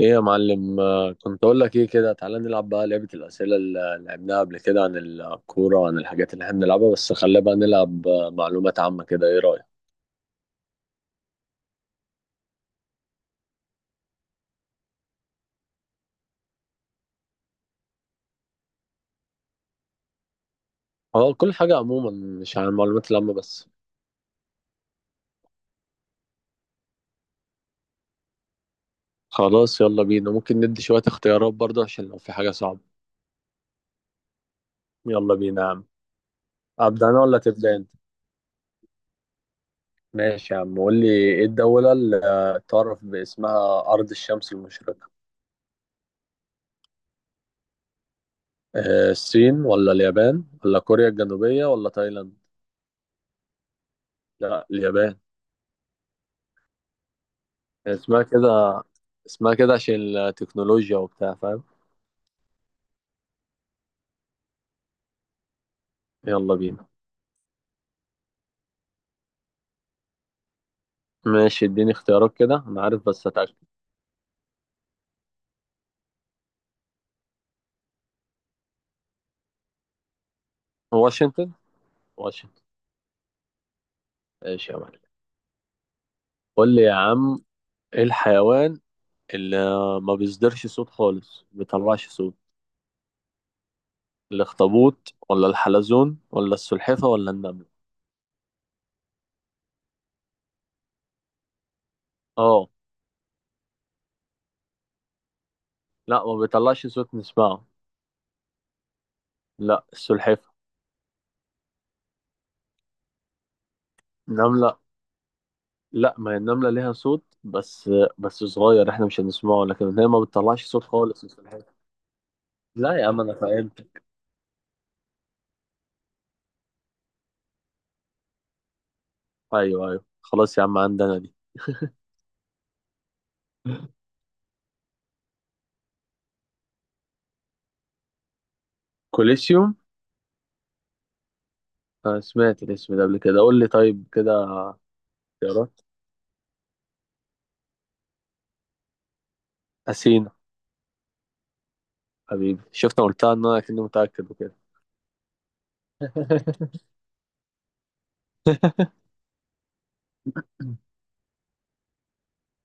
ايه يا معلم؟ آه، كنت اقول لك ايه كده، تعالى نلعب بقى لعبة الأسئلة اللي لعبناها قبل كده عن الكورة وعن الحاجات اللي احنا بنلعبها، بس خلينا بقى نلعب معلومات عامة كده، ايه رأيك؟ هو كل حاجة عموما، مش عن المعلومات العامة بس. خلاص يلا بينا، ممكن ندي شوية اختيارات برضه عشان لو في حاجة صعبة. يلا بينا يا عم. أبدأ أنا ولا تبدأ أنت؟ ماشي يا عم، قول لي ايه الدولة اللي تعرف باسمها أرض الشمس المشرقة؟ آه، الصين ولا اليابان ولا كوريا الجنوبية ولا تايلاند؟ لا، اليابان. اسمها كده، اسمها كده عشان التكنولوجيا وبتاع، فاهم. يلا بينا. ماشي، اديني اختيارات كده، انا عارف بس اتاكد. واشنطن. واشنطن. ماشي يا معلم، قول لي يا عم. ايه الحيوان اللي ما بيصدرش صوت خالص، ما بيطلعش صوت؟ الاخطبوط ولا الحلزون ولا السلحفة ولا النملة؟ اه. لا، ما بيطلعش صوت نسمعه. لا، السلحفة. النملة؟ لا، ما هي النملة ليها صوت، بس بس صغير احنا مش هنسمعه، لكن هي ما بتطلعش صوت خالص، السلحفة. لا يا عم انا فهمت. ايوه، ايوه، خلاص يا عم عندنا دي. كوليسيوم. انا سمعت الاسم ده قبل كده، قول لي طيب كده. اختيارات. اثينا. حبيبي، شفت انا قلتها، ان انا كنت متاكد وكده.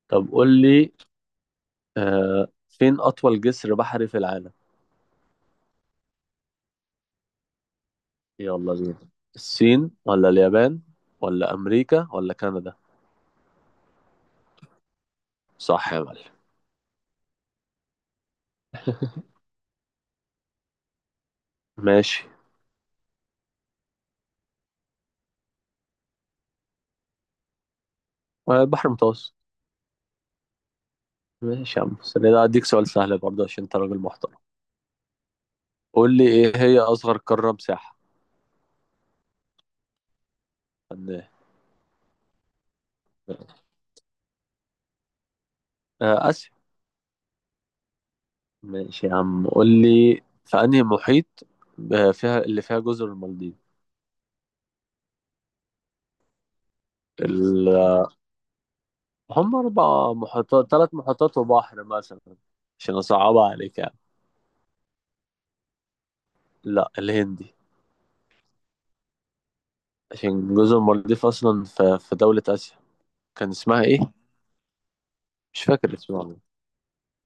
طب قول لي، آه فين اطول جسر بحري في العالم؟ يلا بينا. الصين ولا اليابان ولا امريكا ولا كندا؟ صح يا معلم. ماشي. آه، البحر المتوسط. ماشي يا عم، بس أنا ده اديك سؤال سهل برضه عشان انت راجل محترم. قول لي ايه هي اصغر قاره مساحه؟ فنان. آه، آسيا. ماشي يا عم، قول لي في أنهي محيط فيها اللي فيها جزر المالديف؟ ال... هم أربع محيطات، ثلاث محيطات وبحر مثلا. عشان أصعبها عليك يعني. لا، الهندي. عشان جزر المالديف أصلا في دولة آسيا، كان اسمها إيه؟ مش فاكر اسمها والله.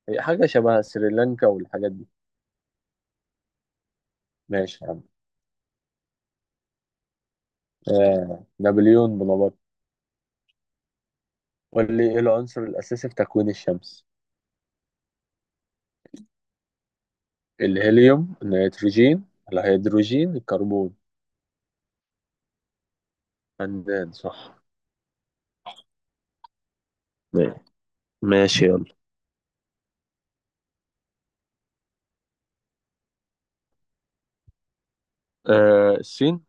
هي حاجة شبه سريلانكا والحاجات دي. ماشي يا عم. نابليون بونابرت. قول لي إيه العنصر الأساسي في تكوين الشمس؟ الهيليوم، النيتروجين، الهيدروجين، الكربون؟ فنان، صح. ما- ماشي يلا. آه، الصين.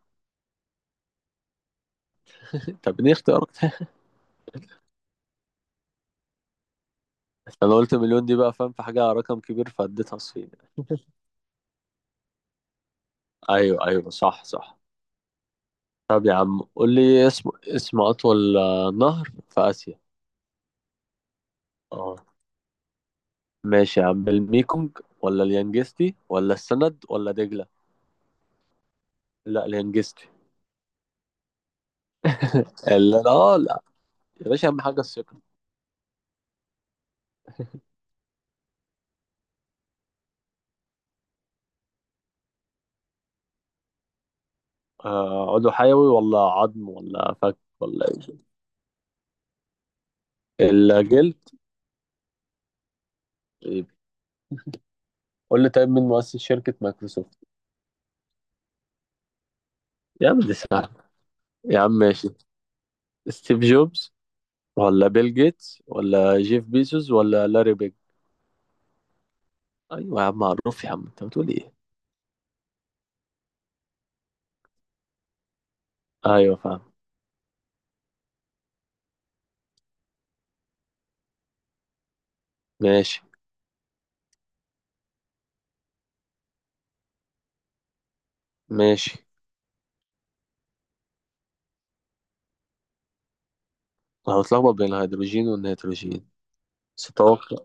طب ليه اختيارك ده؟ انا قلت مليون دي بقى، فاهم، في حاجة رقم كبير، فاديتها الصين. ايوه، ايوه، صح، صح. طب يا عم قول لي اسم اطول نهر في اسيا. اه. ماشي يا عم، الميكونج ولا اليانجستي ولا السند ولا دجلة؟ لا، اليانجستي. لا، لا، لا، يا باشا اهم حاجة الثقة. آه، عضو حيوي ولا عظم ولا فك ولا؟ ايه، الجلد. طيب. قول لي طيب مين مؤسس شركة مايكروسوفت؟ يا عم دي سهلة. يا عم ماشي. ستيف جوبز ولا بيل جيتس ولا جيف بيزوس ولا لاري بيج؟ ايوه يا عم، معروف يا عم، انت بتقول ايه. ايوه فاهم. ماشي. ماشي. انا بتلخبط بين الهيدروجين والنيتروجين، بس اتوقع.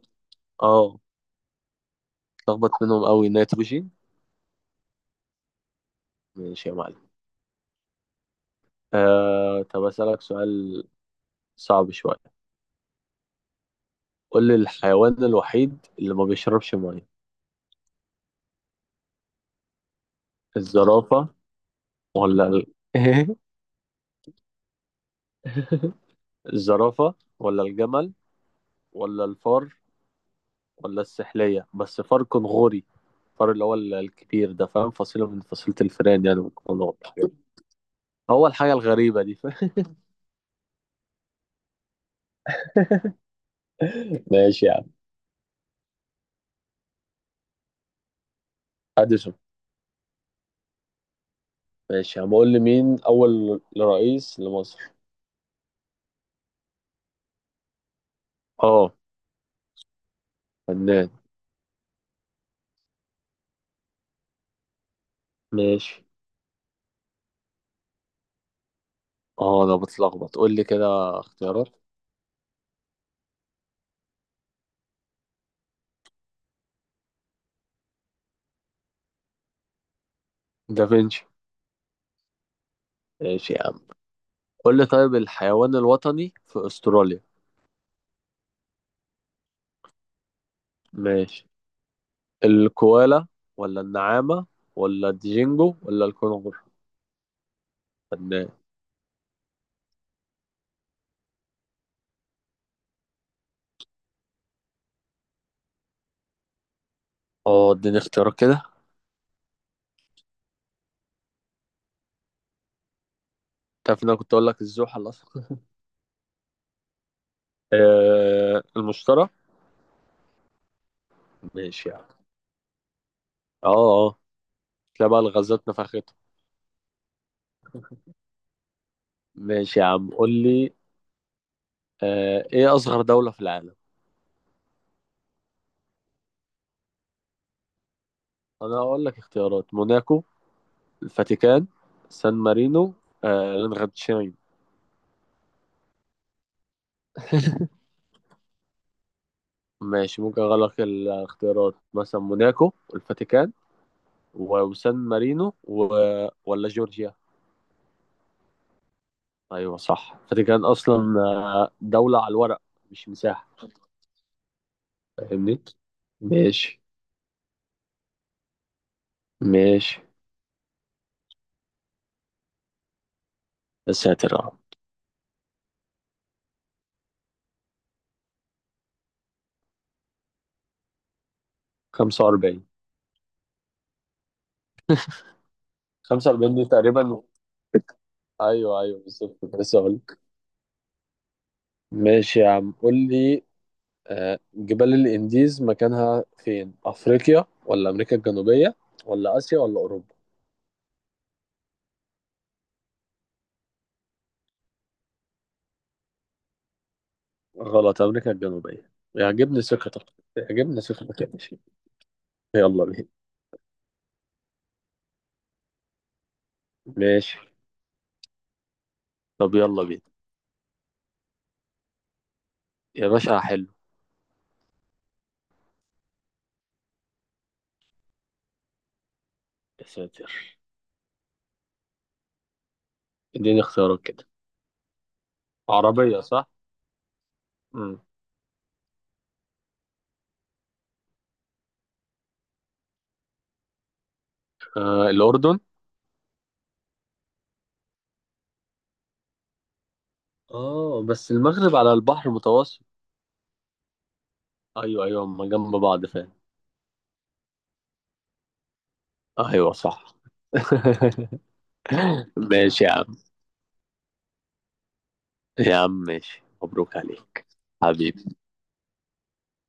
اه. اتلخبط منهم قوي، نيتروجين. ماشي يا معلم. طب اسالك سؤال صعب شويه. قول لي الحيوان الوحيد اللي ما بيشربش ميه. الزرافه ولا الزرافه ولا الجمل ولا الفار ولا السحلية، بس فار كنغوري. فار اللي هو الكبير ده، فاهم، فصيلة من فصيلة الفئران يعني من الكنغر. هو الحاجة الغريبة دي، فاهم. ماشي يا عم. اديسون. ماشي يا عم، قول لي مين اول رئيس لمصر. اه. فنان. ماشي. اه، انا بتلخبط، قول لي كده. اختيارات. دافنشي. ماشي يا عم. قول لي طيب الحيوان الوطني في استراليا. ماشي. الكوالا ولا النعامة ولا الديجينجو ولا الكونغر؟ فنان. اه، اديني اختيارات كده. تعرف ان انا كنت اقول لك الزوحل اصلا. آه، المشترى. ماشي يا عم. اه، اه، تلاقي بقى الغازات نفختها. ماشي يا عم، قول لي، آه، ايه اصغر دولة في العالم؟ انا هقول لك اختيارات: موناكو، الفاتيكان، سان مارينو، آه، لانغتشاين. ماشي، ممكن اغير لك الاختيارات مثلا موناكو، والفاتيكان، وسان مارينو ولا جورجيا. ايوه صح، الفاتيكان اصلا. آه، دولة على الورق، مش مساحة. فاهمني. ماشي. ماشي، يا ساتر يا رب. 45. 45 دي تقريبا. ايوه، ايوه، بالظبط كنت لسه اقول. ماشي يا عم، قول لي، آه، جبال الانديز مكانها فين، افريقيا ولا امريكا الجنوبيه ولا اسيا ولا اوروبا؟ غلط، امريكا الجنوبيه. يعجبني ثقتك. يعجبني ثقتك يا باشا. يلا بينا. ماشي. طب يلا بينا. يا باشا حلو. يا ساتر. اديني اختيارات كده. عربيه؟ صح. امم آه، الاردن. اه بس المغرب على البحر المتوسط. ايوه، ايوه، هما جنب بعض فعلا. ايوه صح. ماشي يا عم. يا عم ماشي، مبروك عليك. حبيبي.